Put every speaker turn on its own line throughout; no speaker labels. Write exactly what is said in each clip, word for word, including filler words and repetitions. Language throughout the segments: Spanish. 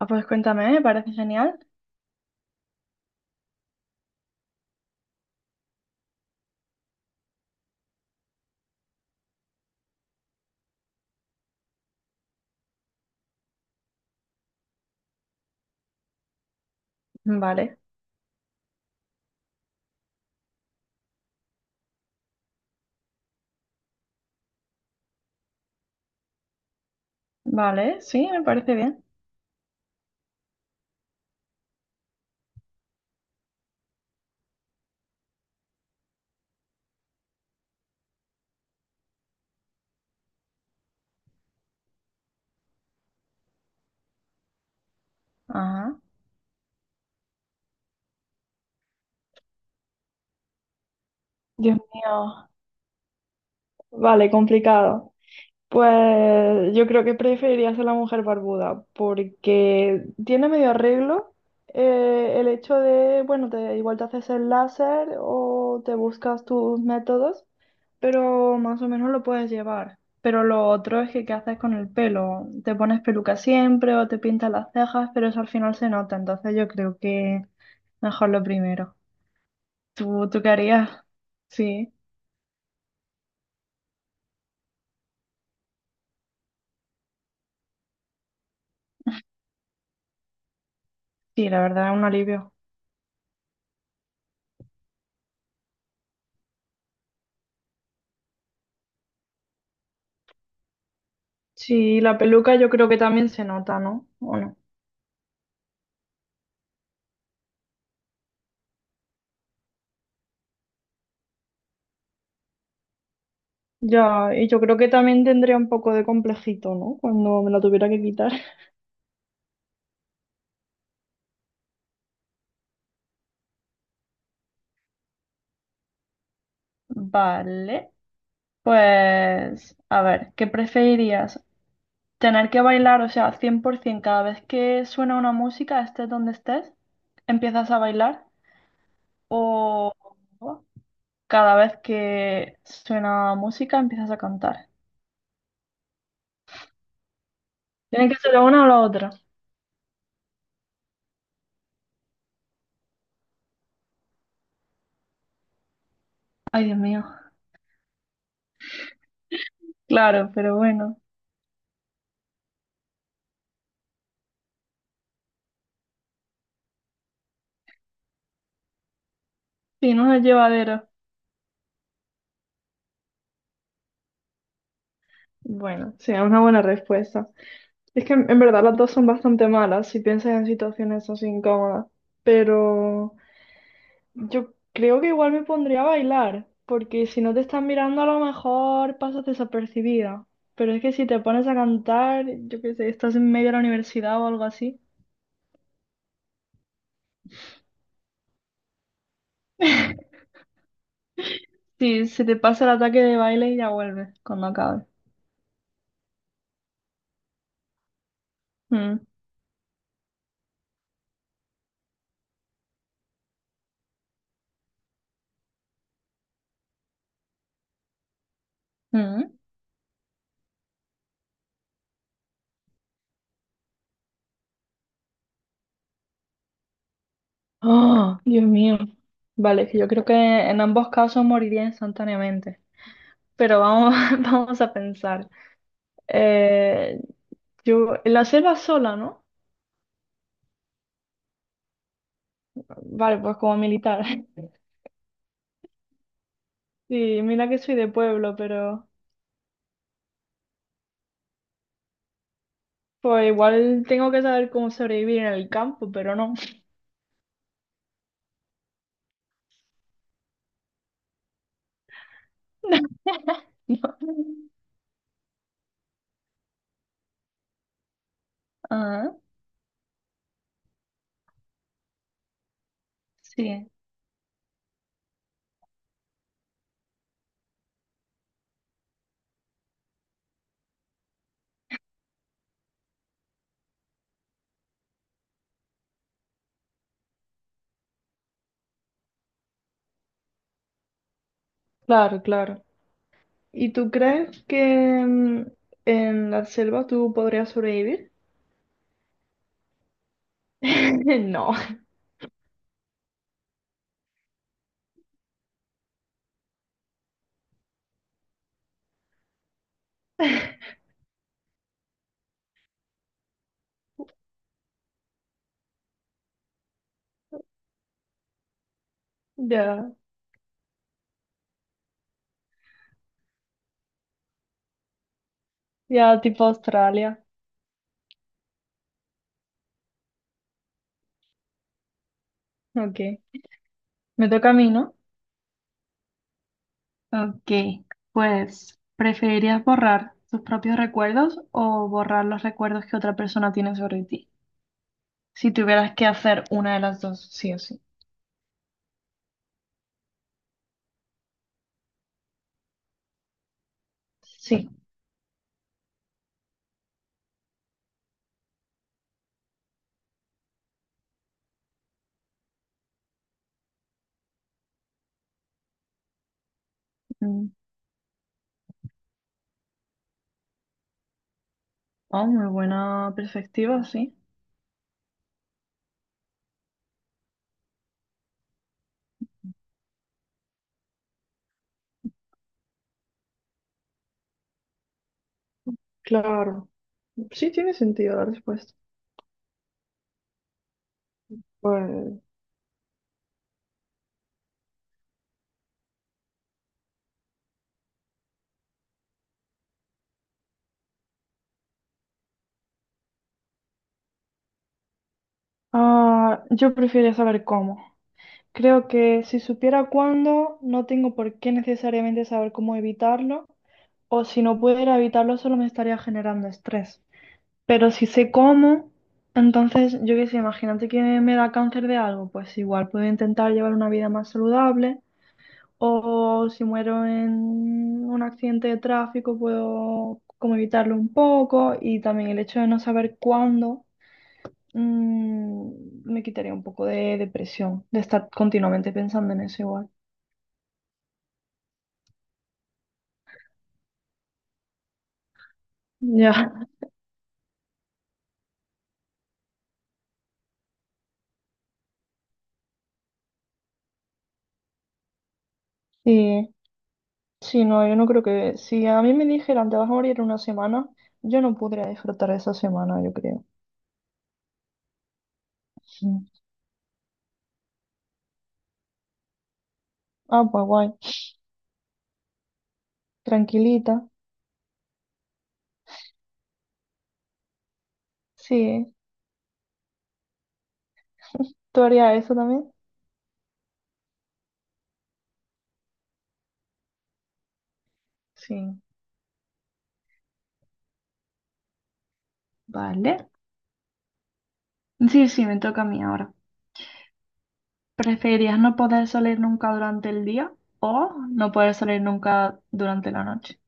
Ah, pues cuéntame, me parece genial. Vale, vale, sí, me parece bien. Ajá. Dios mío, vale, complicado. Pues yo creo que preferiría ser la mujer barbuda, porque tiene medio arreglo eh, el hecho de, bueno, te, igual te haces el láser o te buscas tus métodos, pero más o menos lo puedes llevar. Pero lo otro es que qué haces con el pelo. Te pones peluca siempre o te pintas las cejas, pero eso al final se nota. Entonces yo creo que mejor lo primero. ¿Tú, tú qué harías? Sí, sí, la verdad es un alivio. Sí, la peluca yo creo que también se nota, ¿no? ¿O no? Ya, y yo creo que también tendría un poco de complejito, ¿no? Cuando me la tuviera que quitar. Vale, pues a ver, ¿qué preferirías? ¿Tener que bailar, o sea, cien por ciento cada vez que suena una música, estés donde estés, empiezas a bailar? ¿O cada vez que suena música, empiezas a cantar? Tiene que ser la una o la otra. Ay, Dios mío. Claro, pero bueno. Sí, no es llevadero. Bueno, sí, es una buena respuesta. Es que en en verdad las dos son bastante malas si piensas en situaciones así incómodas, pero yo creo que igual me pondría a bailar, porque si no te están mirando a lo mejor pasas desapercibida, pero es que si te pones a cantar, yo qué sé, estás en medio de la universidad o algo así, sí, se te pasa el ataque de baile y ya vuelves cuando acabe. Mm, mm. Oh, Dios mío. Vale, que yo creo que en ambos casos moriría instantáneamente. Pero vamos, vamos a pensar. Eh, yo, la selva sola, ¿no? Vale, pues como militar. Sí, mira que soy de pueblo, pero pues igual tengo que saber cómo sobrevivir en el campo, pero no. No. Ah, sí. Claro, claro. ¿Y tú crees que mm, en la selva tú podrías sobrevivir? No. Ya, ya tipo Australia. Ok. Me toca a mí, ¿no? Ok, pues, ¿preferirías borrar tus propios recuerdos o borrar los recuerdos que otra persona tiene sobre ti? Si tuvieras que hacer una de las dos, sí o sí. Sí. Mm. Oh, muy buena perspectiva, sí. Claro. Sí, tiene sentido la respuesta. Pues, ah, yo preferiría saber cómo. Creo que si supiera cuándo, no tengo por qué necesariamente saber cómo evitarlo, o si no pudiera evitarlo, solo me estaría generando estrés. Pero si sé cómo, entonces yo qué sé, imagínate que me da cáncer de algo, pues igual puedo intentar llevar una vida más saludable o si muero en un accidente de tráfico puedo como evitarlo un poco, y también el hecho de no saber cuándo mm, me quitaría un poco de depresión, de estar continuamente pensando en eso igual. Ya, sí, sí, no, yo no creo que, si a mí me dijeran te vas a morir en una semana, yo no podría disfrutar de esa semana, yo creo. Ah, pues guay. Tranquilita. Sí. ¿Tú harías eso también? Sí. Vale. Sí, sí, me toca a mí ahora. ¿Preferirías no poder salir nunca durante el día o no poder salir nunca durante la noche?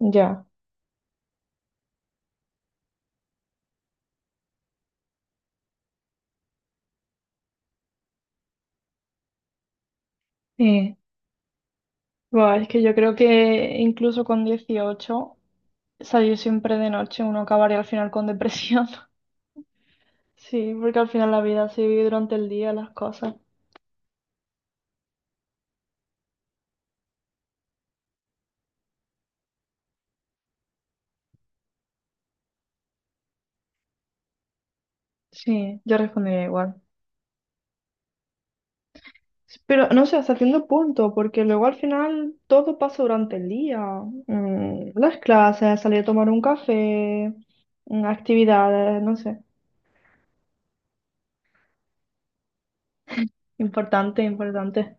Ya. Sí. Buah, es que yo creo que incluso con dieciocho, salir siempre de noche uno acabaría al final con depresión. Sí, porque al final la vida se vive durante el día, las cosas. Sí, yo respondería igual. Pero no sé, hasta cierto punto, porque luego al final todo pasa durante el día. Mm, las clases, salir a tomar un café, mm, actividades, no sé. Importante, importante.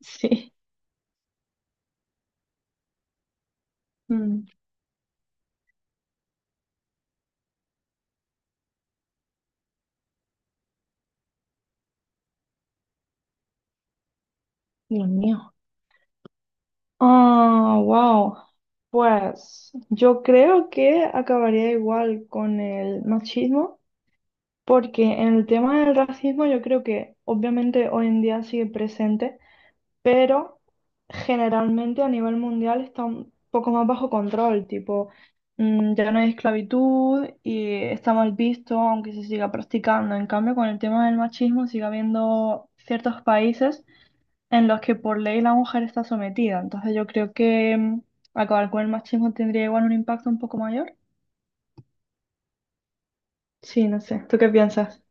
Sí. Mm, Dios mío. Ah, wow. Pues yo creo que acabaría igual con el machismo, porque en el tema del racismo yo creo que obviamente hoy en día sigue presente. Pero generalmente a nivel mundial está un poco más bajo control, tipo, mm, ya no hay esclavitud y está mal visto, aunque se siga practicando. En cambio, con el tema del machismo sigue habiendo ciertos países en los que por ley la mujer está sometida. Entonces yo creo que mm, acabar con el machismo tendría igual un impacto un poco mayor. Sí, no sé. ¿Tú qué piensas?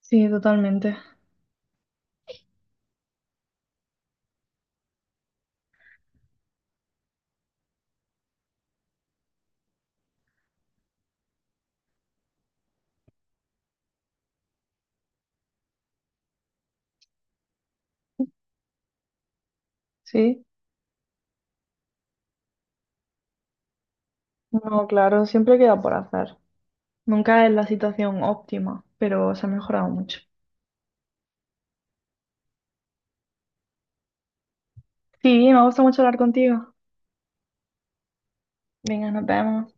Sí, totalmente. Sí. No, claro, siempre queda por hacer. Nunca es la situación óptima, pero se ha mejorado mucho. Sí, me gusta mucho hablar contigo. Venga, nos vemos.